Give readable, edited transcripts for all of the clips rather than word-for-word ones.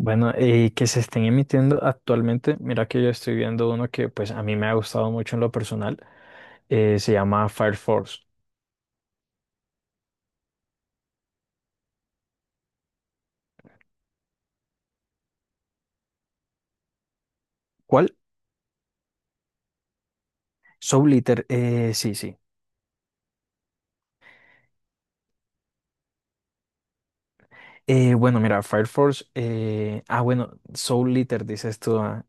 Bueno, que se estén emitiendo actualmente, mira que yo estoy viendo uno que pues a mí me ha gustado mucho en lo personal, se llama Fire Force. ¿Cuál? Soul Eater, sí, sí. Bueno, mira, Fire Force, bueno, Soul Eater, dices tú, ah.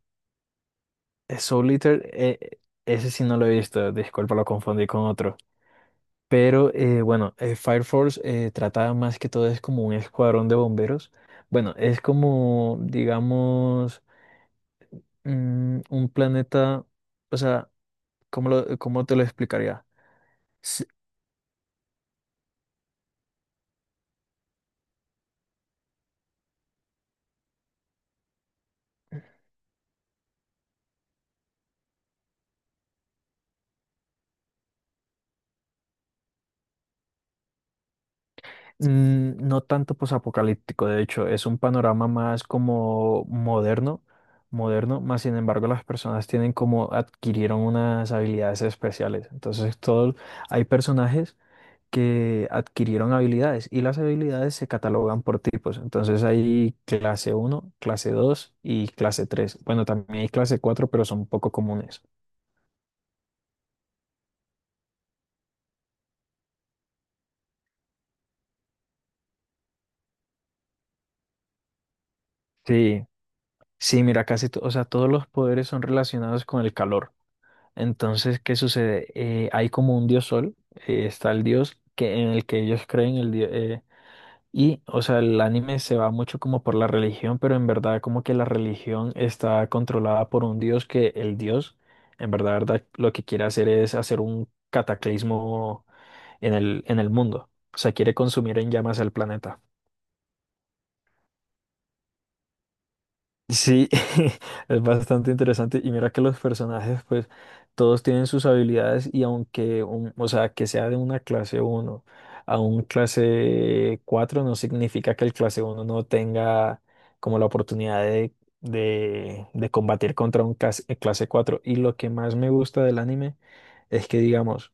Soul Eater, ese sí no lo he visto, disculpa, lo confundí con otro. Pero bueno, Fire Force trata más que todo, es como un escuadrón de bomberos. Bueno, es como, digamos, un planeta, o sea, ¿ cómo te lo explicaría? S- mm, no tanto posapocalíptico, de hecho, es un panorama más como moderno, moderno, más sin embargo las personas tienen como adquirieron unas habilidades especiales. Entonces, todo, hay personajes que adquirieron habilidades y las habilidades se catalogan por tipos. Entonces, hay clase uno, clase 2 y clase tres. Bueno, también hay clase 4 pero son poco comunes. Sí, sí, mira, o sea, todos los poderes son relacionados con el calor. Entonces, ¿qué sucede? Hay como un dios sol, está el dios que, en el que ellos creen, el dios, y, o sea, el anime se va mucho como por la religión, pero en verdad como que la religión está controlada por un dios que el dios, en verdad, verdad, lo que quiere hacer es hacer un cataclismo en en el mundo. O sea, quiere consumir en llamas el planeta. Sí, es bastante interesante. Y mira que los personajes, pues, todos tienen sus habilidades y o sea, que sea de una clase uno a un clase 4 no significa que el clase uno no tenga como la oportunidad de, de combatir contra un clase cuatro. Y lo que más me gusta del anime es que, digamos,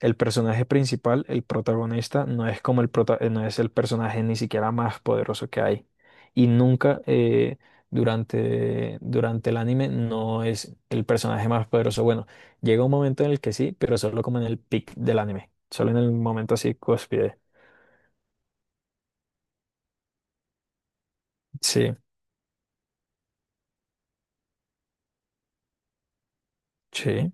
el personaje principal, el protagonista, no es como el prota- no es el personaje ni siquiera más poderoso que hay. Y nunca... durante el anime no es el personaje más poderoso. Bueno, llega un momento en el que sí, pero solo como en el peak del anime, solo en el momento así cúspide. Sí, sí,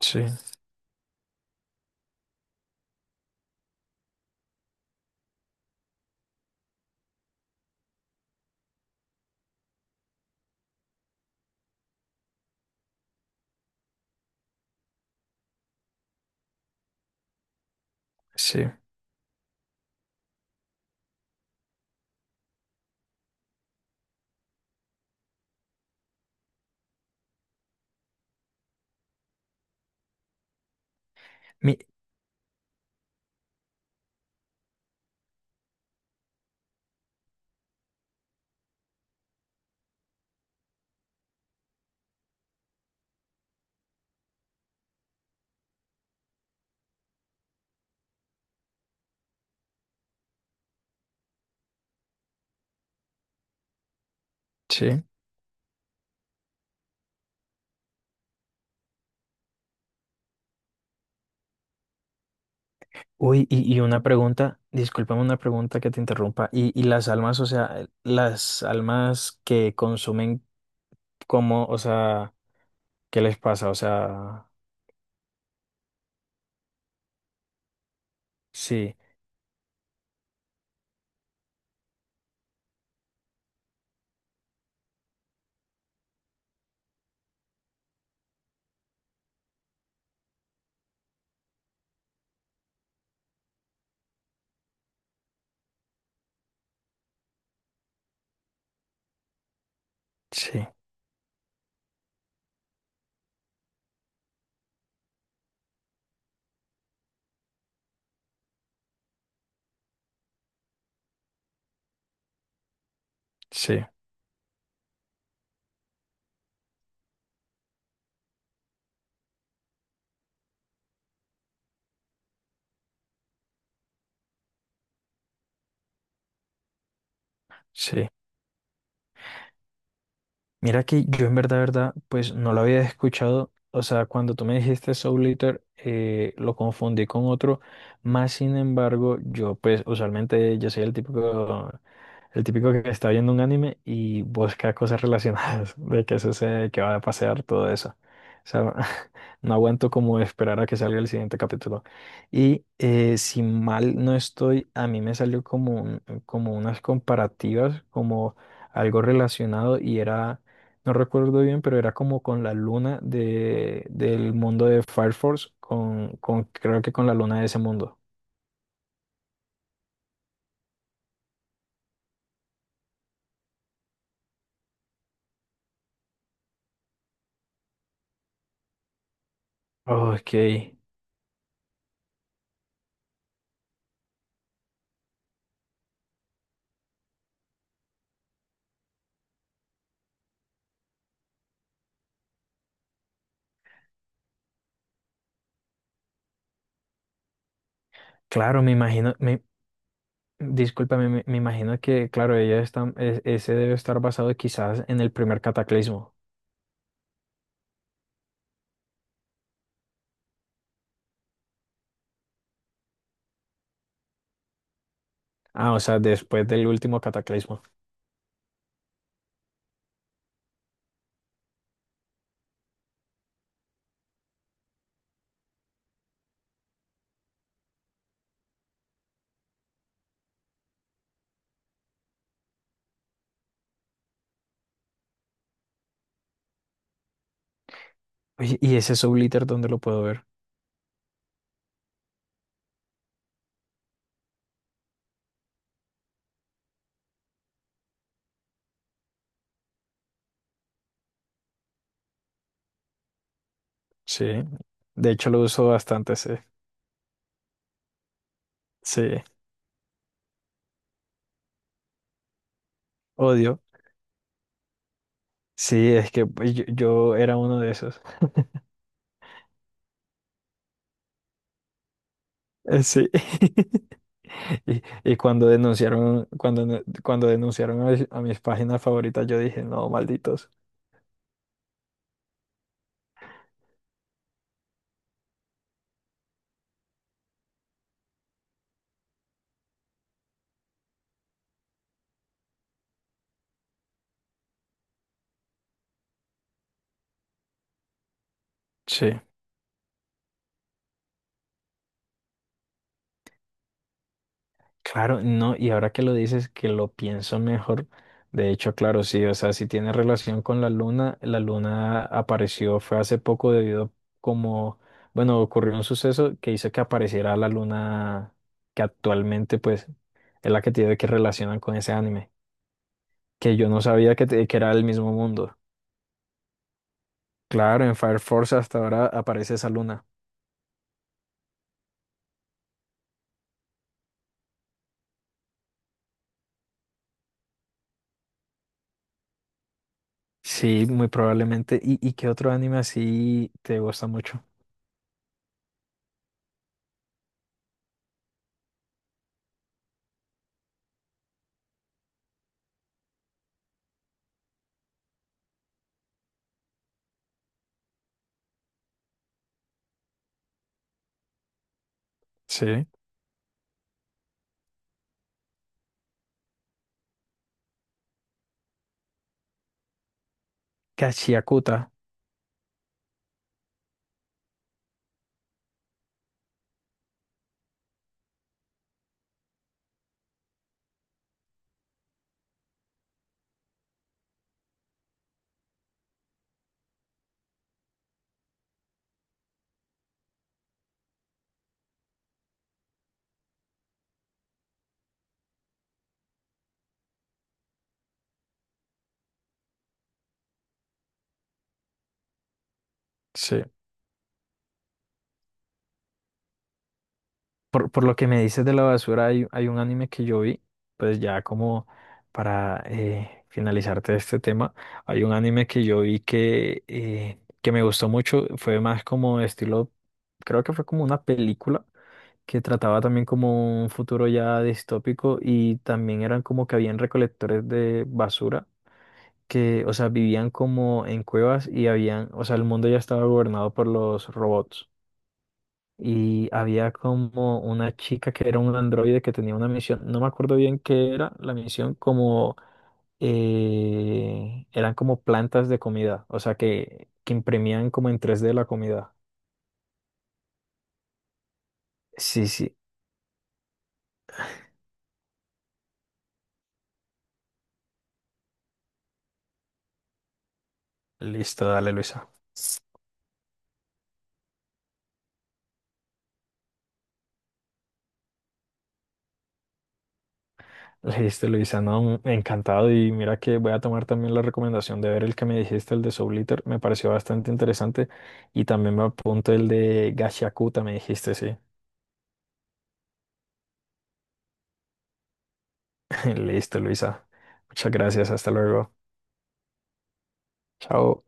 sí, sí. Mi, sí. Uy, y una pregunta, discúlpame una pregunta que te interrumpa. Y las almas, o sea, las almas que consumen, ¿cómo, o sea, qué les pasa? O sea, sí, sí, sí, sí. Mira que yo en verdad, verdad, pues no lo había escuchado. O sea, cuando tú me dijiste Soul Eater, lo confundí con otro. Más sin embargo, yo pues usualmente yo soy el típico que está viendo un anime y busca cosas relacionadas de que sucede, que va a pasear, todo eso. O sea, no aguanto como esperar a que salga el siguiente capítulo. Y si mal no estoy, a mí me salió como unas comparativas, como algo relacionado y era, no recuerdo bien, pero era como con la luna de, del mundo de Fire Force, con, creo que con la luna de ese mundo. Ok, claro, discúlpame, me imagino que, claro, ese debe estar basado quizás en el primer cataclismo. Ah, o sea, después del último cataclismo. Oye, ¿y ese Soul Eater dónde lo puedo ver? Sí, de hecho lo uso bastante, sí. Sí, odio. Sí, es que pues, yo era uno de esos. Sí. Y cuando denunciaron, cuando, no- cuando denunciaron a mis páginas favoritas, yo dije, no, malditos. Sí, claro, no, y ahora que lo dices, que lo pienso mejor. De hecho, claro, sí, o sea, si tiene relación con la luna apareció, fue hace poco debido como, bueno, ocurrió un suceso que hizo que apareciera la luna que actualmente, pues, es la que tiene que relacionan con ese anime, que yo no sabía que, te- que era el mismo mundo. Claro, en Fire Force hasta ahora aparece esa luna. Sí, muy probablemente. ¿ y qué otro anime así te gusta mucho? Sí. Kashiakuta. Sí. Por lo que me dices de la basura, hay un anime que yo vi, pues ya como para finalizarte este tema, hay un anime que yo vi que me gustó mucho, fue más como estilo, creo que fue como una película que trataba también como un futuro ya distópico y también eran como que habían recolectores de basura que, o sea, vivían como en cuevas y habían, o sea, el mundo ya estaba gobernado por los robots y había como una chica que era un androide que tenía una misión, no me acuerdo bien qué era la misión, como eran como plantas de comida, o sea que imprimían como en 3D la comida. Sí, sí, listo, dale Luisa. Listo, Luisa, no, encantado y mira que voy a tomar también la recomendación de ver el que me dijiste, el de Soul Eater me pareció bastante interesante y también me apunto el de Gashiakuta, me dijiste, sí. Listo, Luisa. Muchas gracias, hasta luego. Chao.